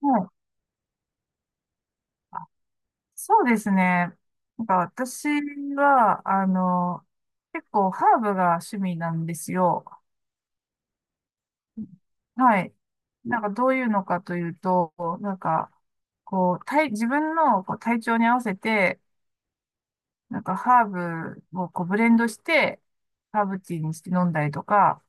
はい。そうですね。なんか私は、結構ハーブが趣味なんですよ。はい。なんかどういうのかというと、なんか、こう、自分のこう体調に合わせて、なんかハーブをこうブレンドして、ハーブティーにして飲んだりとか、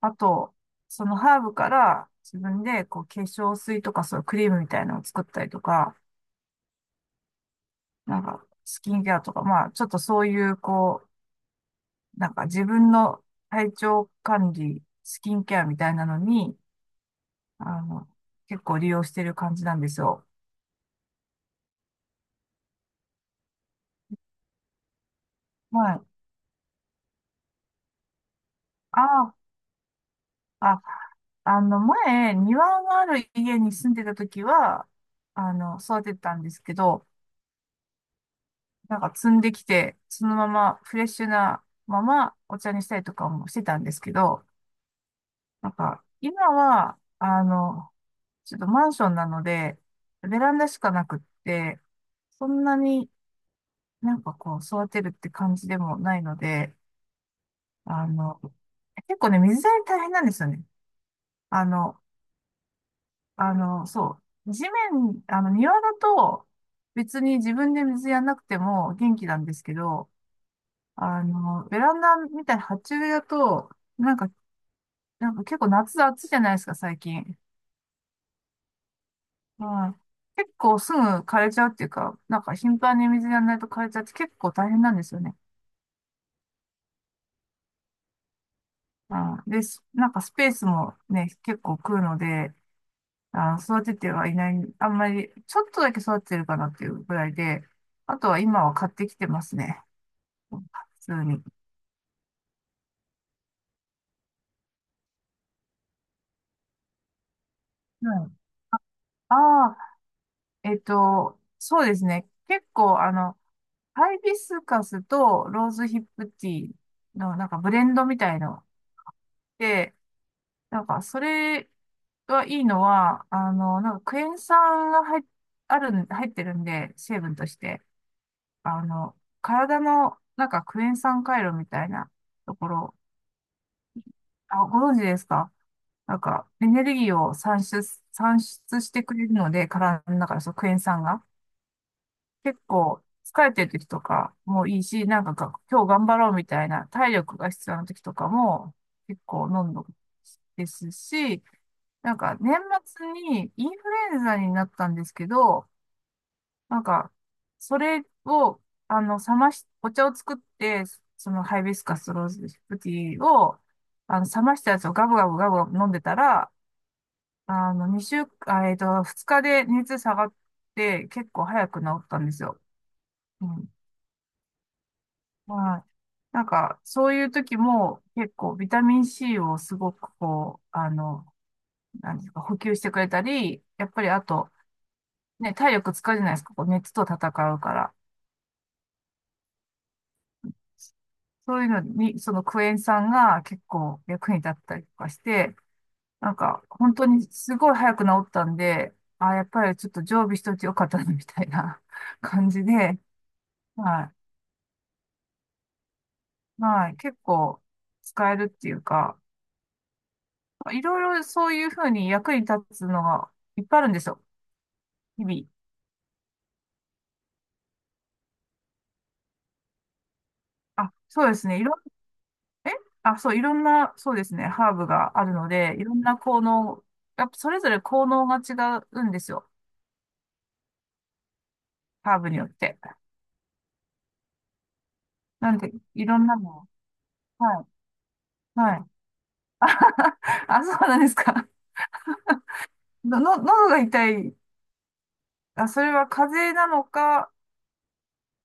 あと、そのハーブから自分でこう化粧水とかそういうクリームみたいなのを作ったりとか、なんかスキンケアとか、まあちょっとそういうこうなんか自分の体調管理、スキンケアみたいなのに、あの、結構利用してる感じなんですよ。はい。ああ、前、庭がある家に住んでた時は、育ててたんですけど、なんか摘んできて、そのままフレッシュなままお茶にしたりとかもしてたんですけど、なんか、今は、ちょっとマンションなので、ベランダしかなくって、そんなになんかこう、育てるって感じでもないので、あの、結構ね、水やり大変なんですよね。あの、そう。庭だと、別に自分で水やんなくても元気なんですけど、ベランダみたいな鉢植えだと、なんか、なんか結構夏暑いじゃないですか、最近。はい。結構すぐ枯れちゃうっていうか、なんか頻繁に水やらないと枯れちゃって結構大変なんですよね。うん、で、なんかスペースもね、結構食うので、あ、育ててはいない、あんまり、ちょっとだけ育ててるかなっていうぐらいで、あとは今は買ってきてますね。普通に。はい。ああ、そうですね。結構、ハイビスカスとローズヒップティーのなんかブレンドみたいので、なんかそれがいいのは、なんかクエン酸が入っ、あるん、入ってるんで、成分として、あの、体のなんかクエン酸回路みたいなところ、あ、ご存知ですか？なんか、エネルギーを産出、産出してくれるので、体の中で、そう、クエン酸が。結構、疲れてる時とかもいいし、なんかが、今日頑張ろうみたいな体力が必要な時とかも、結構飲んどくですし、なんか、年末にインフルエンザになったんですけど、なんか、それを、あの、冷まし、お茶を作って、そのハイビスカスローズティーを、冷ましたやつをガブガブガブガブ飲んでたら、あの、2週、あ、えっと、2日で熱下がって、結構早く治ったんですよ。うん。はい。なんか、そういう時も、結構、ビタミン C をすごく、こう、なんですか、補給してくれたり、やっぱり、あと、ね、体力使うじゃないですか、こう熱と戦うから。そういうのに、そのクエン酸が結構役に立ったりとかして、なんか本当にすごい早く治ったんで、あ、やっぱりちょっと常備しといてよかったな、みたいな 感じで、はい。はい。結構使えるっていうか、いろいろそういうふうに役に立つのがいっぱいあるんですよ。日々。あ、そうですね。いろん、えあ、そう、いろんな、そうですね。ハーブがあるので、いろんな効能、やっぱそれぞれ効能が違うんですよ。ハーブによって。なんで、いろんなのを。はい。はい。あ、そうなんですか。喉が痛い。あ、それは風邪なのか、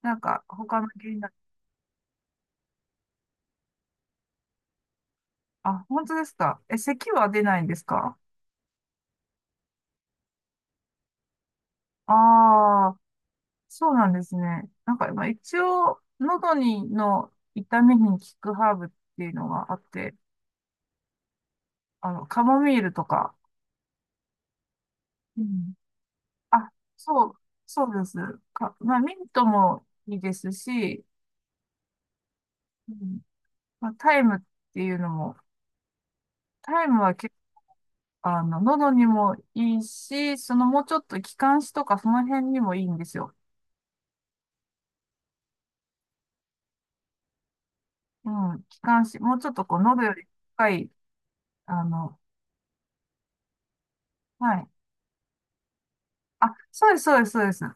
なんか、他の原因だ。あ、本当ですか。え、咳は出ないんですか？ああ、そうなんですね。なんか、まあ、一応、の痛みに効くハーブっていうのがあって、カモミールとか。うん。あ、そう、そうです。か、まあ、ミントもいいですし、うん、まあ、タイムっていうのも、タイムは結構、喉にもいいし、そのもうちょっと気管支とかその辺にもいいんですよ。うん、気管支、もうちょっとこう、喉より深い、あの、はい。あ、そうです、そうです、そうです。はい、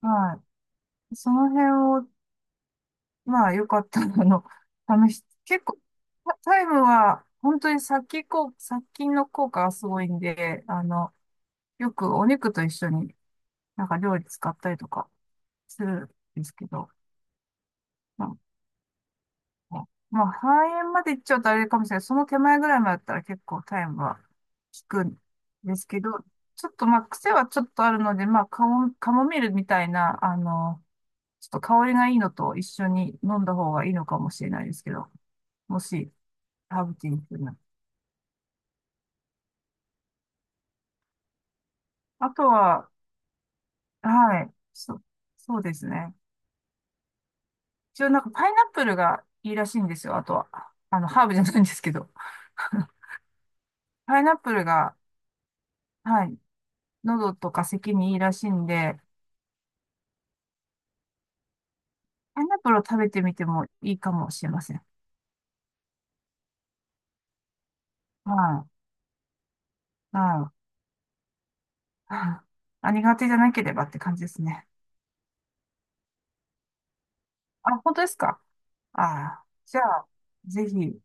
はい。その辺を、まあ、よかったら、結構、タイムは、本当に殺菌の効果がすごいんで、よくお肉と一緒になんか料理使ったりとかするんですけど、まああ肺炎まで行っちゃうとあれかもしれない。その手前ぐらいまでだったら結構タイムは効くんですけど、ちょっとまあ、癖はちょっとあるので、まあ、カモミールみたいな、ちょっと香りがいいのと一緒に飲んだ方がいいのかもしれないですけど、もし、ハーブティーにするなら。あとは、はい、そうですね。一応なんかパイナップルがいいらしいんですよ、あとは。ハーブじゃないんですけど。パイナップルが、はい、喉とか咳にいいらしいんで、パイナップルを食べてみてもいいかもしれません。はい。うん、あ、苦手じゃなければって感じですね。あ、本当ですか？ああ、じゃあ、ぜひ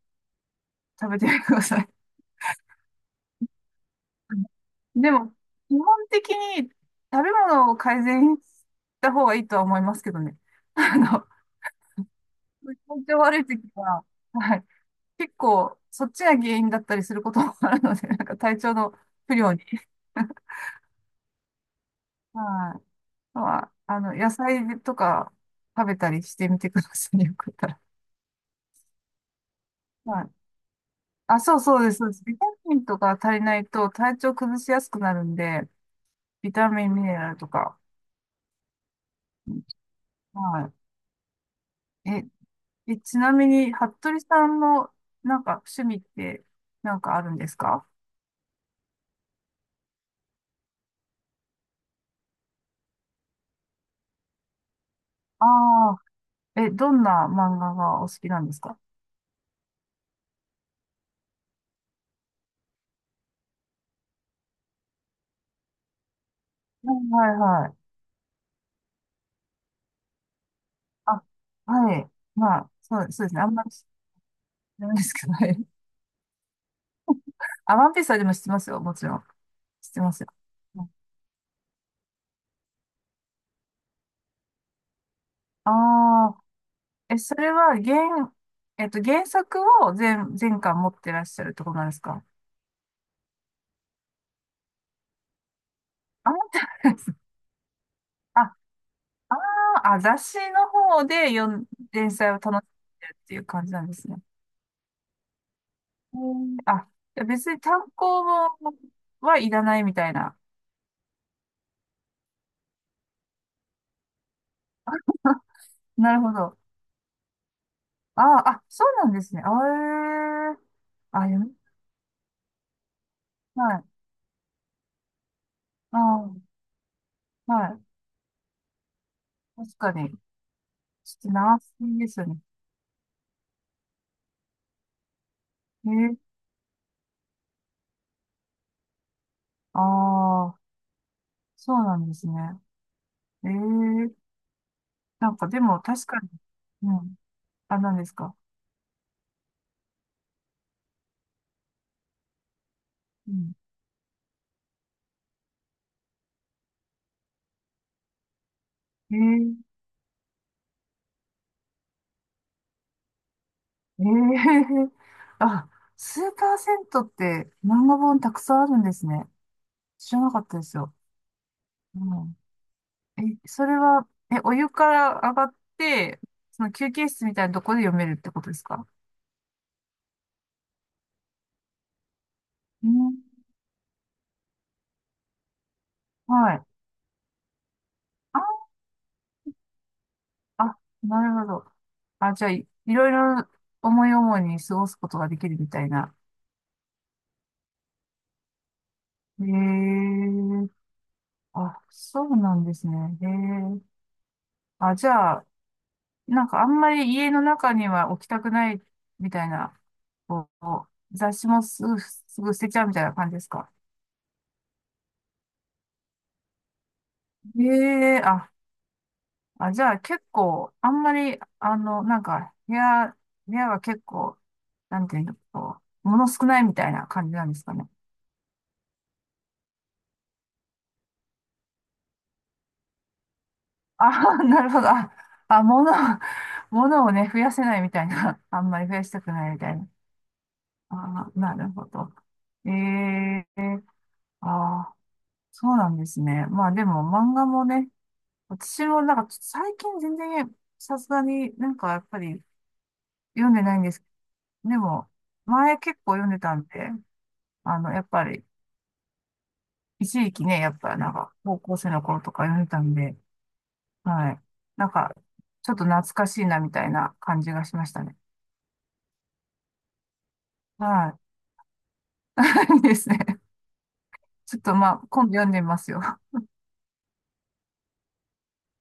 食べてみてください。うんでも、基本的に食べ物を改善した方がいいとは思いますけどね。あの、体調悪い時は、はい。結構、そっちが原因だったりすることもあるので、なんか体調の不良に。はい。まあ、野菜とか食べたりしてみてくださいね。よかったら。はい。あ、そうそうです。そうです。ビタミンとか足りないと体調崩しやすくなるんで、ビタミン、ミネラルとか。うん、はい。え、ちなみに、服部さんの、なんか、趣味って、なんかあるんですか？ああー、え、どんな漫画がお好きなんですか？はいはいはい。あ、はい。まあ、そうですね。あんまり知らないですけど、はい。あ、ワンピースはでも知ってますよ。もちろん。知ってますよ。ああ、え、それは原、えっと、原作を全巻持ってらっしゃるってことなんですか？あ、持ってないです。あ、あ、雑誌の方で読ん、連載を楽しんでるっていう感じなんですね。へー、あ、じゃあ別に単行本はいらないみたいな。なるほど。ああ、あ、そうなんですね。ー、あ、読みはい。ああ、はい。確かに。ちょっと長すぎですよね。えー、ああ、そうなんですね。ええ、なんかでも確かに、うん。あ、何ですか。うん。ええええ あ、スーパー銭湯って漫画本たくさんあるんですね。知らなかったですよ。うん。え、それは、え、お湯から上がって、その休憩室みたいなとこで読めるってことですか？うん。はい。あ、あ、なるほど。あ、じゃあ、いろいろ思い思いに過ごすことができるみたいな。へえ、あ、そうなんですね。へえ、あ、じゃあ、なんかあんまり家の中には置きたくないみたいな、こう、雑誌もすぐ、すぐ捨てちゃうみたいな感じですか？ええ、あ、じゃあ結構、あんまり、あの、なんか、部屋は結構、なんていうの、こう、物少ないみたいな感じなんですかね。あ、なるほど。あ、物、物をね、増やせないみたいな。あんまり増やしたくないみたいな。あ、なるほど。ええ、ああー。そうなんですね。まあでも漫画もね、私もなんかちょっと最近全然さすがになんかやっぱり読んでないんですけど、でも前結構読んでたんで、やっぱり一時期ね、やっぱなんか高校生の頃とか読んでたんで、はい。なんかちょっと懐かしいなみたいな感じがしましたね。はい。いいですね。ちょっとまあ今度読んでみますよ。